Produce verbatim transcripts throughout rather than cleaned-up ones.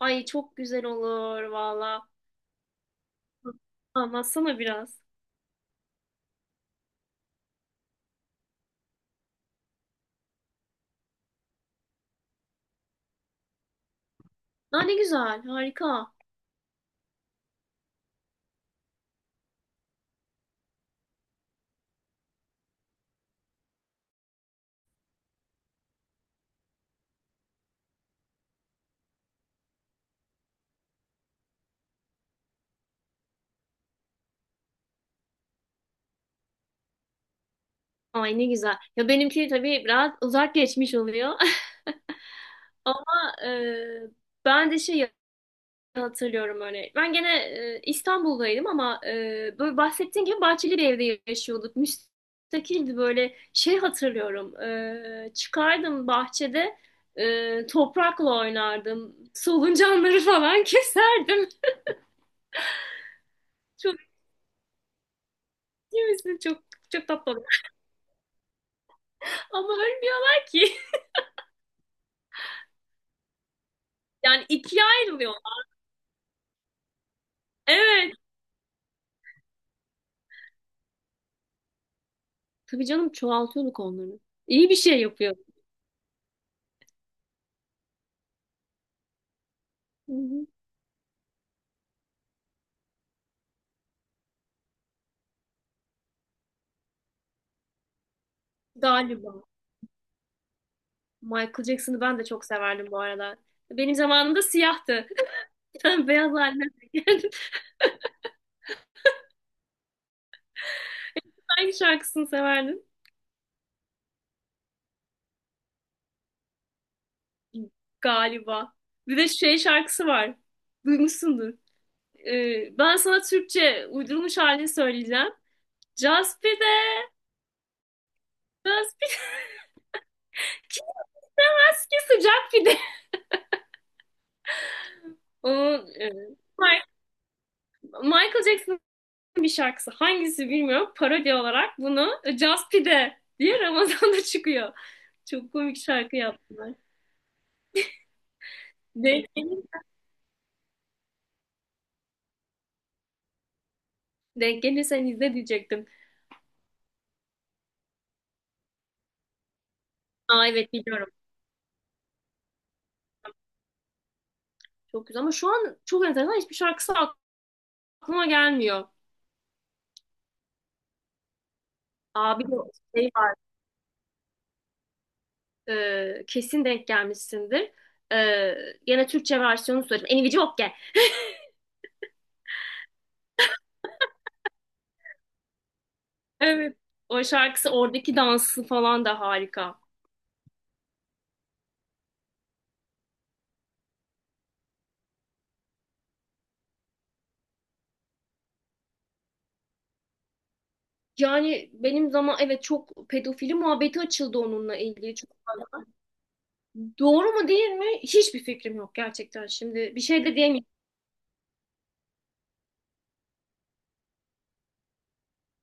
Ay çok güzel olur valla. Anlatsana biraz. Aa, ne güzel, harika. Ay ne güzel. Ya benimki tabii biraz uzak geçmiş oluyor. Ama e, ben de şey hatırlıyorum öyle. Ben gene e, İstanbul'daydım ama e, böyle bahsettiğin gibi bahçeli bir evde yaşıyorduk. Müstakildi böyle şey hatırlıyorum. E, çıkardım bahçede e, toprakla oynardım. Soluncanları falan keserdim. Çok Kimisi çok çok tatlı oluyor. Ama ölmüyorlar ki. Yani ikiye ayrılıyor. Evet. Tabii canım çoğaltıyorduk onları. İyi bir şey yapıyor. Hı hı. Galiba. Michael Jackson'ı ben de çok severdim bu arada. Benim zamanımda siyahtı. Sen beyaz haline geldim. Hangi şarkısını severdin? Galiba. Bir de şey şarkısı var. Duymuşsundur. Ee, ben sana Türkçe uydurulmuş halini söyleyeceğim. Just pide, just pide. Keski sıcak pide. Onun e, Michael Jackson'ın bir şarkısı, hangisi bilmiyorum, parodi olarak bunu Just Pide diye Ramazan'da çıkıyor. Çok komik şarkı yaptılar. Denk, denk gelirsen izle diyecektim. Aa, evet biliyorum. Çok güzel ama şu an çok enteresan hiçbir şarkısı aklıma gelmiyor. Abi bir de şey var. E, kesin denk gelmişsindir. E, Gene Türkçe versiyonu söyleyeyim. Eni Viciokge. Evet. O şarkısı, oradaki dansı falan da harika. Yani benim zaman evet çok pedofili muhabbeti açıldı onunla ilgili. Çok, doğru mu değil mi? Hiçbir fikrim yok gerçekten şimdi. Bir şey de diyemeyim.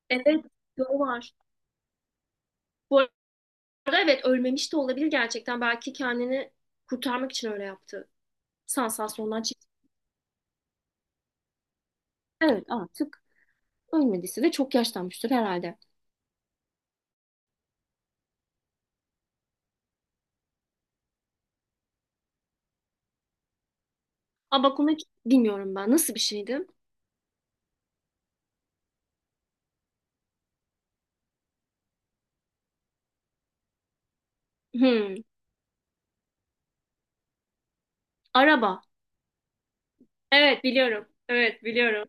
Evet doğru var. Bu arada evet, ölmemiş de olabilir gerçekten. Belki kendini kurtarmak için öyle yaptı. Sansasyondan çıktı. Evet, artık ölmediyse de çok yaşlanmıştır herhalde. Ama bak, hiç bilmiyorum ben. Nasıl bir şeydi? Hmm, Araba. Evet biliyorum. Evet biliyorum.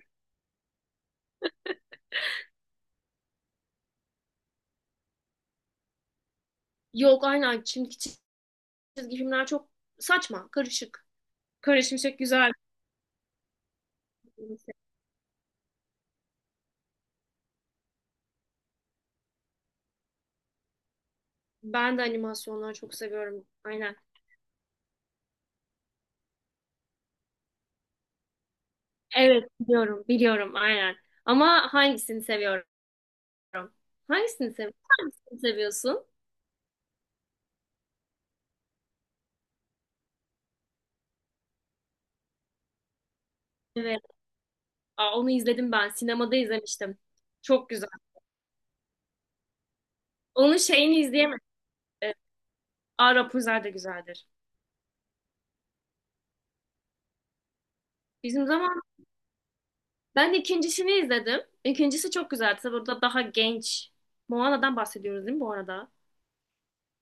Yok aynen. Şimdiki çizgi filmler çok saçma, karışık. Karışmışlık güzel. Ben de animasyonları çok seviyorum. Aynen. Evet biliyorum. Biliyorum aynen. Ama hangisini seviyorum? Hangisini seviyorsun? Hangisini seviyorsun? Evet. Aa, onu izledim ben. Sinemada izlemiştim. Çok güzel. Onun şeyini izleyemedim. Ee, Aa, Rapunzel de güzeldir. Bizim zaman ben ikincisini izledim. İkincisi çok güzeldi. Tabii orada daha genç. Moana'dan bahsediyoruz değil mi bu arada?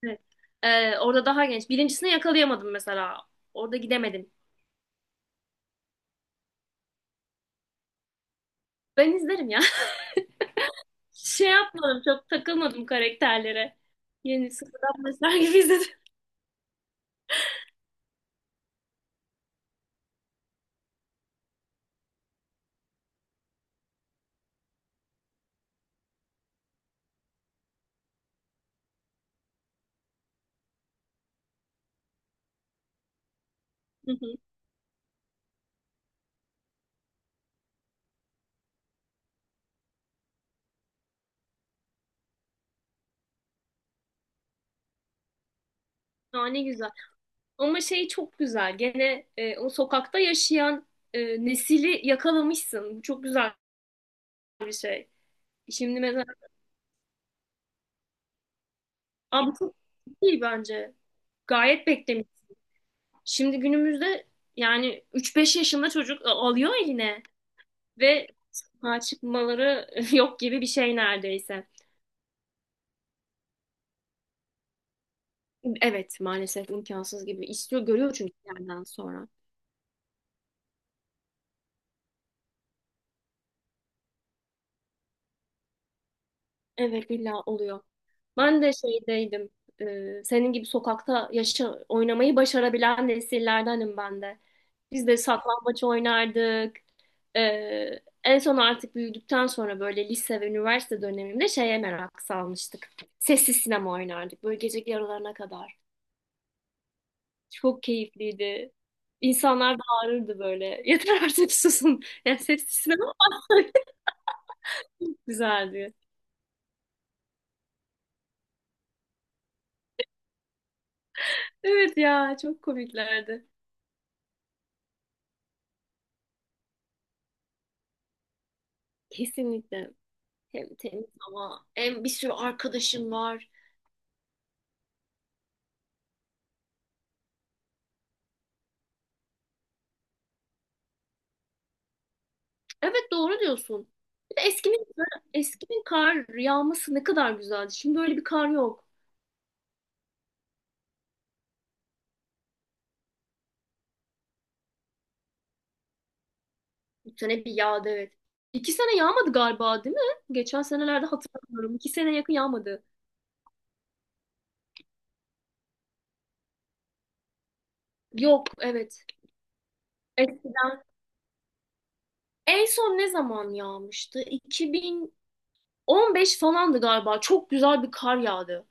Evet. Ee, orada daha genç. Birincisini yakalayamadım mesela. Orada gidemedim. Ben izlerim ya. Şey yapmadım, çok takılmadım karakterlere. Yeni sıfırdan başlar gibi izledim. Hı hı. Aa, ne güzel. Ama şey çok güzel. Gene e, o sokakta yaşayan e, nesili yakalamışsın. Bu çok güzel bir şey. Şimdi mesela. Aa, bu çok iyi bence. Gayet beklemiş. Şimdi günümüzde yani üç beş yaşında çocuk e, alıyor eline ve sokağa çıkmaları yok gibi bir şey neredeyse. Evet maalesef imkansız gibi. İstiyor, görüyor çünkü bir yerden sonra. Evet, illa oluyor. Ben de şeydeydim. E, senin gibi sokakta yaşa, oynamayı başarabilen nesillerdenim ben de. Biz de saklambaç oynardık. E, En son artık büyüdükten sonra böyle lise ve üniversite dönemimde şeye merak salmıştık. Sessiz sinema oynardık böyle gece yarılarına kadar. Çok keyifliydi. İnsanlar bağırırdı böyle. Yeter artık, susun. Yani sessiz sinema güzeldi. Evet ya, çok komiklerdi. Kesinlikle. Hem temiz hava hem bir sürü arkadaşım var. Evet doğru diyorsun. Bir de eskinin, eskinin kar yağması ne kadar güzeldi. Şimdi öyle bir kar yok. Bir sene bir yağdı evet. İki sene yağmadı galiba değil mi? Geçen senelerde hatırlamıyorum. İki sene yakın yağmadı. Yok evet. Eskiden. En son ne zaman yağmıştı? iki bin on beş falandı galiba. Çok güzel bir kar yağdı.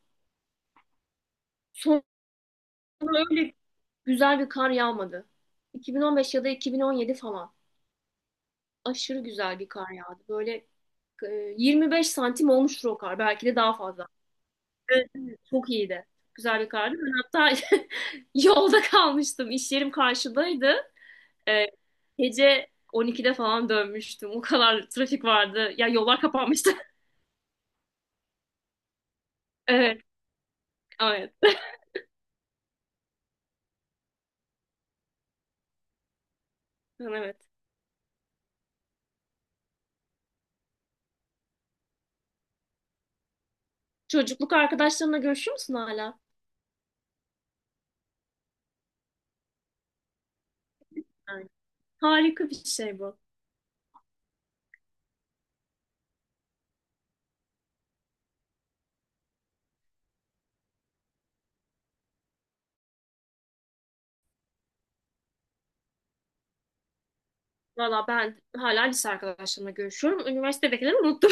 Sonra öyle güzel bir kar yağmadı. iki bin on beş ya da iki bin on yedi falan. Aşırı güzel bir kar yağdı. Böyle e, yirmi beş santim olmuştur o kar. Belki de daha fazla. Evet, evet. Çok iyiydi. Güzel bir kardı. Ben hatta yolda kalmıştım. İş yerim karşıdaydı. E, Gece on ikide falan dönmüştüm. O kadar trafik vardı. Ya, yollar kapanmıştı. Evet, evet. Evet. Çocukluk arkadaşlarınla görüşüyor musun hala? Aynen. Harika bir şey bu. Valla ben hala lise arkadaşlarımla görüşüyorum. Üniversitedekileri unuttum.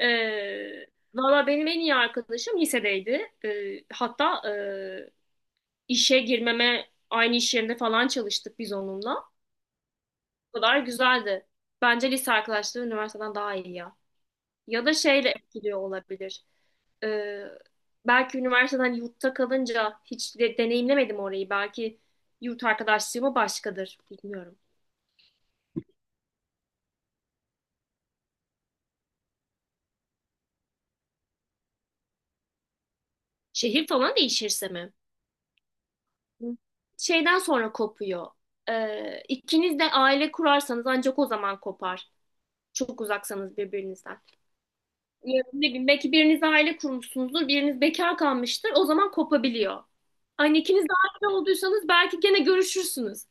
Ee, Valla benim en iyi arkadaşım lisedeydi. Ee, hatta e, işe girmeme aynı iş yerinde falan çalıştık biz onunla. O kadar güzeldi. Bence lise arkadaşları üniversiteden daha iyi ya. Ya da şeyle etkiliyor olabilir. Ee, Belki üniversiteden, yurtta kalınca hiç de- deneyimlemedim orayı. Belki yurt arkadaşlığıma başkadır. Bilmiyorum. Şehir falan değişirse mi? Şeyden sonra kopuyor. Ee, ikiniz de aile kurarsanız ancak o zaman kopar. Çok uzaksanız birbirinizden. Ya, ne bileyim, belki biriniz aile kurmuşsunuzdur, biriniz bekar kalmıştır. O zaman kopabiliyor. Hani ikiniz de aile olduysanız belki gene görüşürsünüz.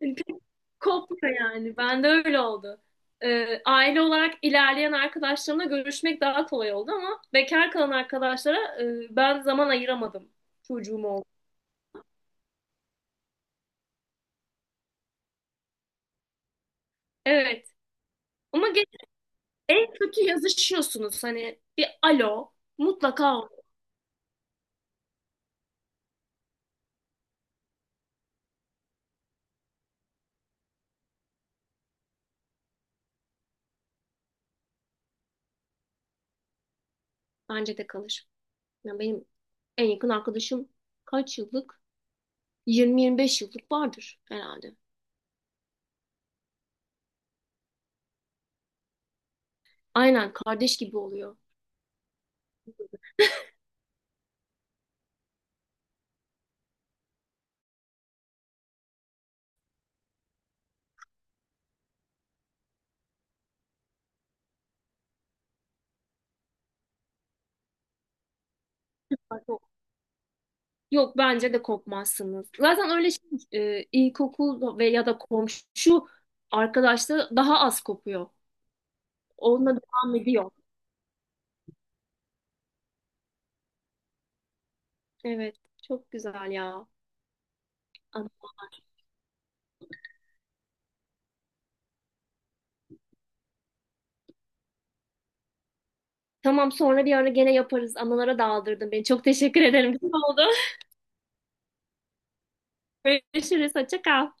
Yani pek kopmuyor yani. Ben de öyle oldu. Ee, aile olarak ilerleyen arkadaşlarımla görüşmek daha kolay oldu ama bekar kalan arkadaşlara e, ben zaman ayıramadım. Çocuğum oldu. Evet. Ama ge- en kötü yazışıyorsunuz. Hani bir alo mutlaka olur. Bence de kalır. Yani benim en yakın arkadaşım kaç yıllık? yirmi yirmi beşer yıllık vardır herhalde. Aynen, kardeş gibi oluyor. Yok, yok, bence de kopmazsınız. Zaten öyle şey, e, ilkokul ve ya da komşu arkadaşlığı daha az kopuyor. Onunla devam ediyor. Evet, çok güzel ya. An- Tamam, sonra bir ara gene yaparız. Anılara daldırdın beni. Çok teşekkür ederim. Güzel oldu. Görüşürüz. Hoşça kal.